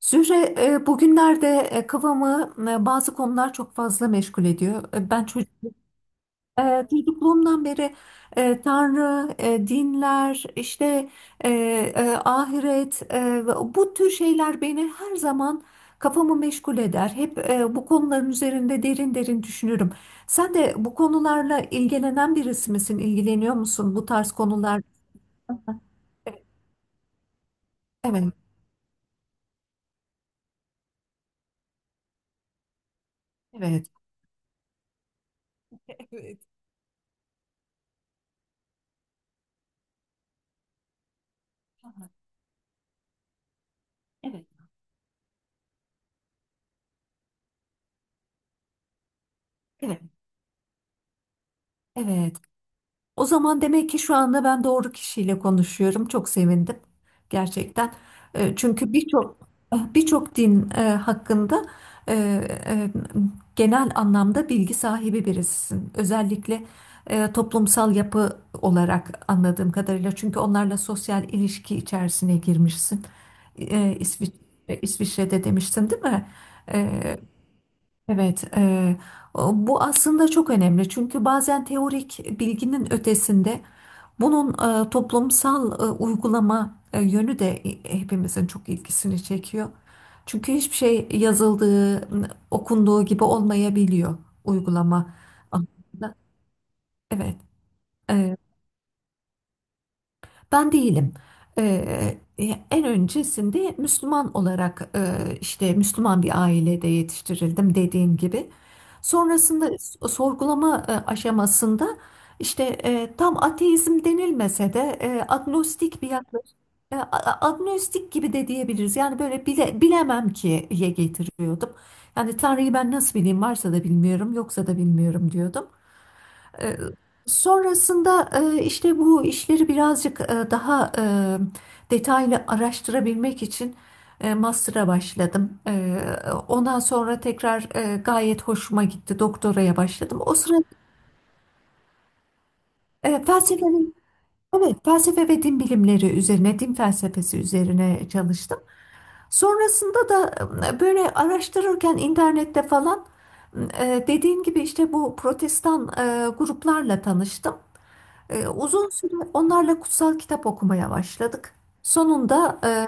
Zühre, bugünlerde kafamı bazı konular çok fazla meşgul ediyor. Ben çocukluğumdan beri Tanrı, dinler, işte e, ahiret, bu tür şeyler beni her zaman kafamı meşgul eder. Hep bu konuların üzerinde derin derin düşünürüm. Sen de bu konularla ilgilenen birisi misin? İlgileniyor musun bu tarz konular? Evet, evet. Evet. Evet, evet, evet. O zaman demek ki şu anda ben doğru kişiyle konuşuyorum. Çok sevindim gerçekten. Çünkü birçok din hakkında e, e, genel anlamda bilgi sahibi birisisin. Özellikle toplumsal yapı olarak anladığım kadarıyla. Çünkü onlarla sosyal ilişki içerisine girmişsin. E, İsvi- İsviçre'de demiştin, değil mi? E, Evet, bu aslında çok önemli çünkü bazen teorik bilginin ötesinde bunun toplumsal uygulama yönü de hepimizin çok ilgisini çekiyor. Çünkü hiçbir şey yazıldığı, okunduğu gibi olmayabiliyor uygulama anlamında. Evet, Ben değilim. Ee, e, En öncesinde Müslüman olarak işte Müslüman bir ailede yetiştirildim dediğim gibi. Sonrasında sorgulama aşamasında işte tam ateizm denilmese de agnostik bir yaklaşım. Agnostik gibi de diyebiliriz. Yani böyle bilemem ki'ye getiriyordum. Yani Tanrı'yı ben nasıl bileyim varsa da bilmiyorum yoksa da bilmiyorum diyordum. E, Sonrasında işte bu işleri birazcık daha detaylı araştırabilmek için master'a başladım. Ondan sonra tekrar gayet hoşuma gitti. Doktoraya başladım. O sırada e, felsefe, evet, felsefe ve din bilimleri üzerine, din felsefesi üzerine çalıştım. Sonrasında da böyle araştırırken internette falan dediğim gibi işte bu protestan gruplarla tanıştım. Uzun süre onlarla kutsal kitap okumaya başladık. Sonunda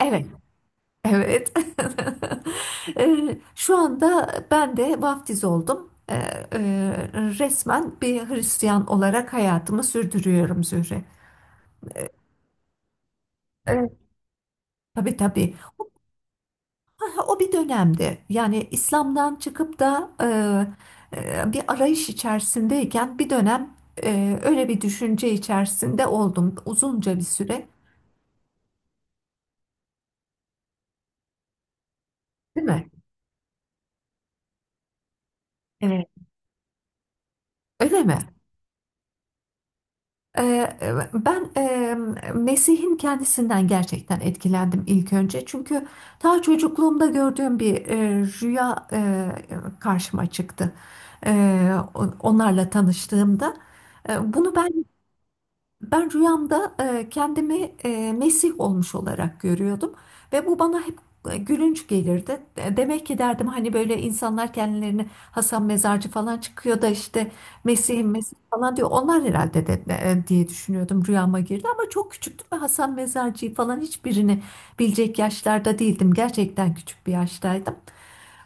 evet, evet. Şu anda ben de vaftiz oldum. E, Resmen bir Hristiyan olarak hayatımı sürdürüyorum Zühre. Evet. Tabii tabii. O bir dönemdi. Yani İslam'dan çıkıp da e, bir arayış içerisindeyken bir dönem öyle bir düşünce içerisinde oldum. Uzunca bir süre, değil mi? Evet. Öyle mi? Ee, Ben Mesih'in kendisinden gerçekten etkilendim ilk önce. Çünkü daha çocukluğumda gördüğüm bir rüya karşıma çıktı. E, Onlarla tanıştığımda. Bunu ben rüyamda kendimi Mesih olmuş olarak görüyordum ve bu bana hep gülünç gelirdi. Demek ki derdim hani böyle insanlar kendilerini Hasan Mezarcı falan çıkıyor da işte Mesih'im Mesih falan diyor. Onlar herhalde de diye düşünüyordum rüyama girdi ama çok küçüktüm ve Hasan Mezarcı'yı falan hiçbirini bilecek yaşlarda değildim. Gerçekten küçük bir yaştaydım.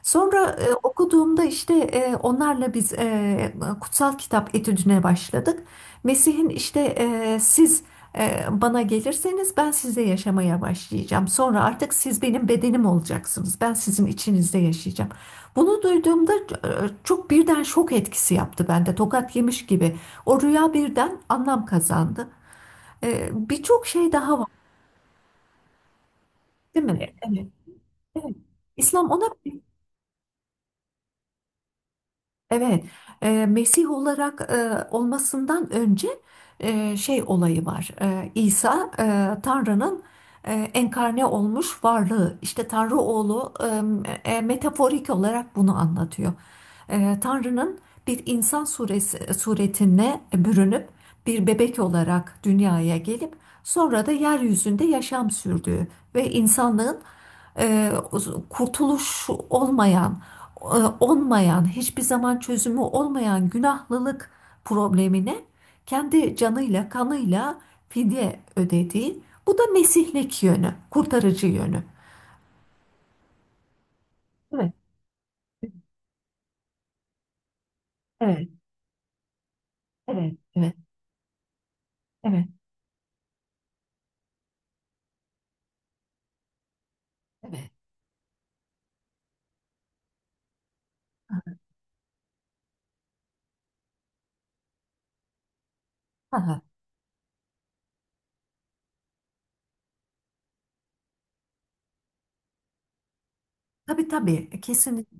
Sonra okuduğumda işte onlarla biz kutsal kitap etüdüne başladık. Mesih'in işte siz bana gelirseniz ben size yaşamaya başlayacağım. Sonra artık siz benim bedenim olacaksınız. Ben sizin içinizde yaşayacağım. Bunu duyduğumda çok birden şok etkisi yaptı bende. Tokat yemiş gibi. O rüya birden anlam kazandı. Birçok şey daha var, değil mi? Evet. Evet. İslam ona. Evet, Mesih olarak olmasından önce şey olayı var. İsa Tanrı'nın enkarne olmuş varlığı. İşte Tanrı oğlu metaforik olarak bunu anlatıyor. Tanrı'nın bir insan suretine bürünüp bir bebek olarak dünyaya gelip sonra da yeryüzünde yaşam sürdüğü ve insanlığın e, kurtuluş olmayan e, olmayan, hiçbir zaman çözümü olmayan günahlılık problemine kendi canıyla, kanıyla fidye ödediği, bu da mesihlik yönü, kurtarıcı yönü. Evet, evet, evet, evet, evet, evet. Aha. Tabii tabii, kesinlikle.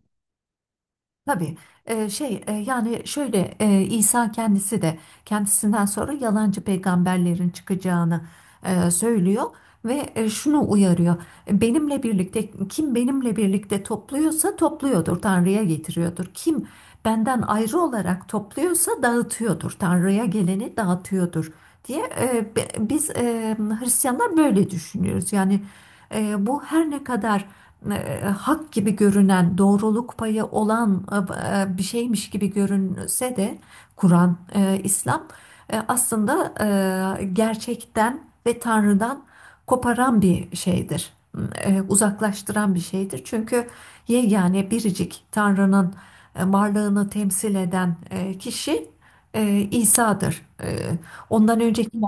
Tabii yani şöyle İsa kendisi de kendisinden sonra yalancı peygamberlerin çıkacağını söylüyor ve şunu uyarıyor. Benimle birlikte kim benimle birlikte topluyorsa topluyordur Tanrı'ya getiriyordur. Kim benden ayrı olarak topluyorsa dağıtıyordur Tanrı'ya geleni dağıtıyordur diye biz Hristiyanlar böyle düşünüyoruz. Yani bu her ne kadar hak gibi görünen, doğruluk payı olan bir şeymiş gibi görünse de Kur'an, İslam aslında gerçekten ve Tanrı'dan koparan bir şeydir. Uzaklaştıran bir şeydir. Çünkü yegane biricik Tanrı'nın varlığını temsil eden kişi İsa'dır. Ondan önceki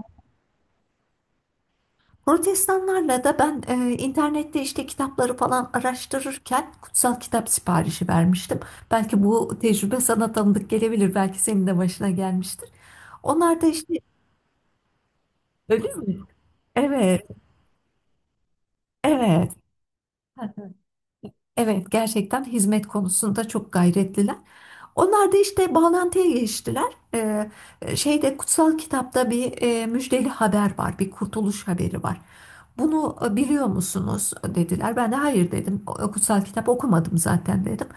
Protestanlarla da ben internette işte kitapları falan araştırırken kutsal kitap siparişi vermiştim. Belki bu tecrübe sana tanıdık gelebilir. Belki senin de başına gelmiştir. Onlar da işte. Öyle mi? Evet, evet. Evet, gerçekten hizmet konusunda çok gayretliler. Onlar da işte bağlantıya geçtiler. Şeyde Kutsal kitapta bir müjdeli haber var, bir kurtuluş haberi var. Bunu biliyor musunuz dediler. Ben de hayır dedim. Kutsal kitap okumadım zaten dedim.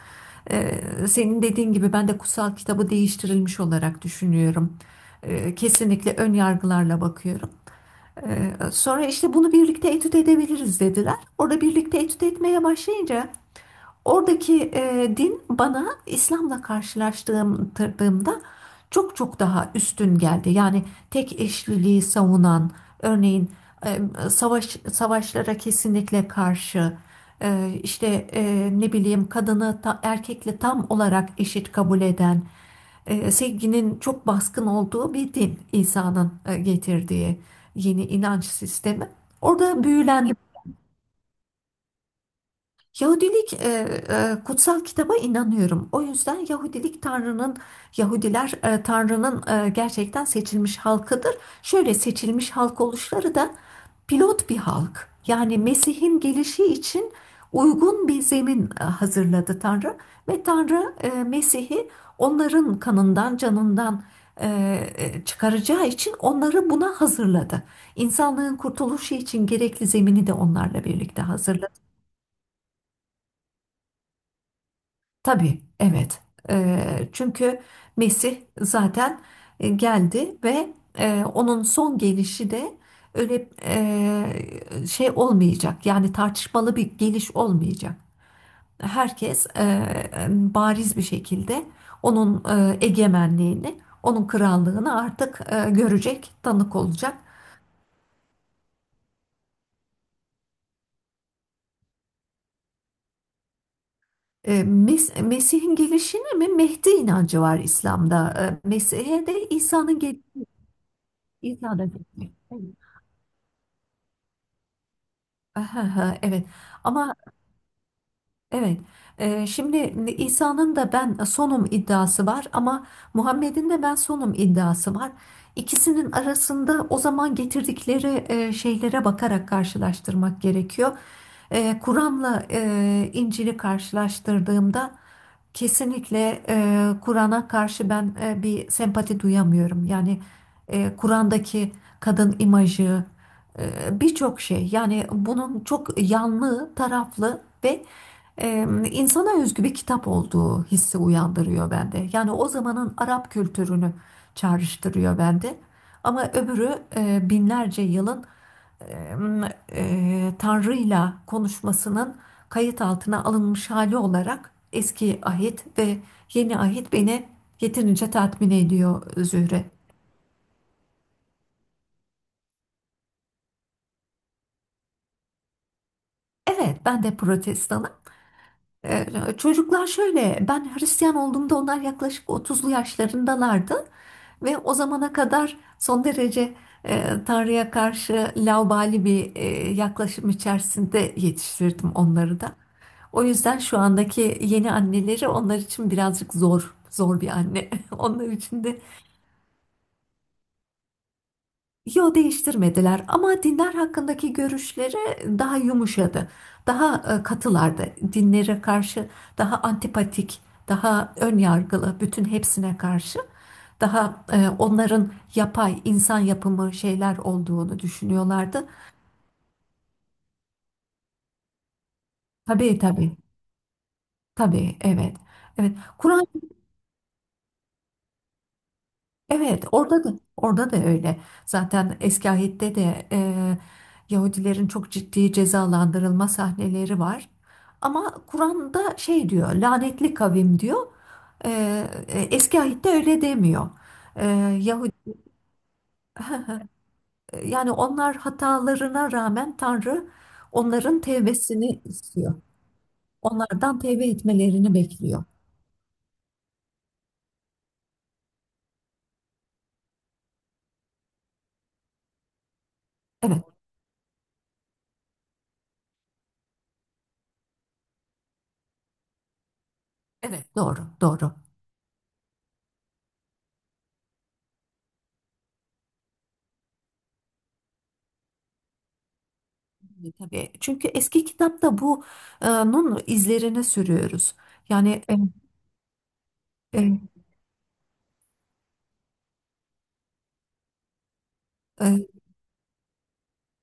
Ee, Senin dediğin gibi ben de kutsal kitabı değiştirilmiş olarak düşünüyorum. Kesinlikle ön yargılarla bakıyorum. Sonra işte bunu birlikte etüt edebiliriz dediler. Orada birlikte etüt etmeye başlayınca oradaki din bana İslam'la karşılaştırdığımda çok çok daha üstün geldi. Yani tek eşliliği savunan, örneğin e, savaşlara kesinlikle karşı, işte ne bileyim kadını erkekle tam olarak eşit kabul eden, sevginin çok baskın olduğu bir din İsa'nın getirdiği yeni inanç sistemi. Orada büyülendim. Yahudilik. Kutsal kitaba inanıyorum. O yüzden Yahudiler Tanrı'nın gerçekten seçilmiş halkıdır. Şöyle seçilmiş halk oluşları da pilot bir halk. Yani Mesih'in gelişi için uygun bir zemin hazırladı Tanrı ve Tanrı Mesih'i onların kanından, canından e, çıkaracağı için onları buna hazırladı. İnsanlığın kurtuluşu için gerekli zemini de onlarla birlikte hazırladı. Tabii, evet. Çünkü Mesih zaten geldi ve onun son gelişi de öyle olmayacak. Yani tartışmalı bir geliş olmayacak. Herkes bariz bir şekilde onun egemenliğini, onun krallığını artık görecek, tanık olacak. Mesih'in gelişine mi? Mehdi inancı var İslam'da. Mesih'e de İsa'da. Ahaha, evet ama evet. Şimdi İsa'nın da ben sonum iddiası var ama Muhammed'in de ben sonum iddiası var. İkisinin arasında o zaman getirdikleri şeylere bakarak karşılaştırmak gerekiyor. Kur'an'la İncil'i karşılaştırdığımda kesinlikle Kur'an'a karşı ben bir sempati duyamıyorum. Yani Kur'an'daki kadın imajı, e, birçok şey. Yani bunun çok yanlı, taraflı ve insana özgü bir kitap olduğu hissi uyandırıyor bende. Yani o zamanın Arap kültürünü çağrıştırıyor bende. Ama öbürü, binlerce yılın em, Tanrı'yla konuşmasının kayıt altına alınmış hali olarak eski ahit ve yeni ahit beni yeterince tatmin ediyor Zühre. Evet, ben de protestanım. Ee, Çocuklar şöyle, ben Hristiyan olduğumda onlar yaklaşık otuzlu yaşlarındalardı ve o zamana kadar son derece Tanrı'ya karşı laubali bir yaklaşım içerisinde yetiştirdim onları da. O yüzden şu andaki yeni anneleri onlar için birazcık zor, zor bir anne. Onlar için de. Yo, değiştirmediler ama dinler hakkındaki görüşleri daha yumuşadı. Daha katılardı. Dinlere karşı daha antipatik, daha ön yargılı, bütün hepsine karşı daha onların yapay insan yapımı şeyler olduğunu düşünüyorlardı. Tabii tabii. Tabii evet. Evet. Kur'an. Evet, orada da öyle. Zaten eski ahit'te de Yahudilerin çok ciddi cezalandırılma sahneleri var. Ama Kur'an'da şey diyor, lanetli kavim diyor. E, Eski ahit'te öyle demiyor. E, Yahudi, Yani onlar hatalarına rağmen Tanrı onların tevbesini istiyor. Onlardan tevbe etmelerini bekliyor. Evet, evet doğru, doğru. Tabii. Çünkü eski kitapta bunun izlerine sürüyoruz. Yani e, e,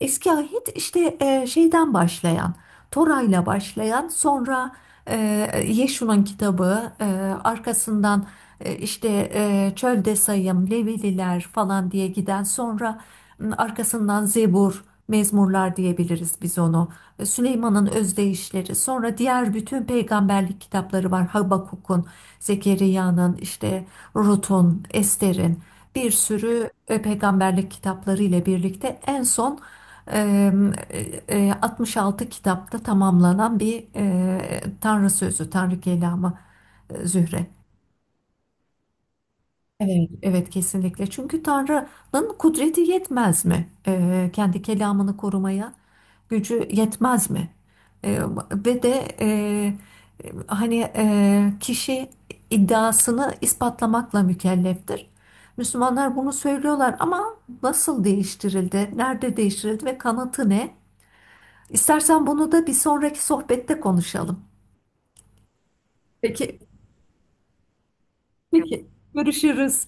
eski ahit işte Toray'la başlayan, sonra e, Yeşu'nun kitabı, arkasından e, işte Çölde Sayım, Levililer falan diye giden, sonra arkasından Zebur, Mezmurlar diyebiliriz biz onu. Süleyman'ın özdeyişleri, sonra diğer bütün peygamberlik kitapları var. Habakuk'un, Zekeriya'nın, işte Rut'un, Ester'in bir sürü peygamberlik kitapları ile birlikte en son Eee, 66 kitapta tamamlanan bir Tanrı sözü, Tanrı kelamı Zühre. Evet. Evet kesinlikle. Çünkü Tanrı'nın kudreti yetmez mi? Kendi kelamını korumaya gücü yetmez mi? Eee, Ve de hani kişi iddiasını ispatlamakla mükelleftir. Müslümanlar bunu söylüyorlar ama nasıl değiştirildi? Nerede değiştirildi ve kanıtı ne? İstersen bunu da bir sonraki sohbette konuşalım. Peki, peki. Görüşürüz.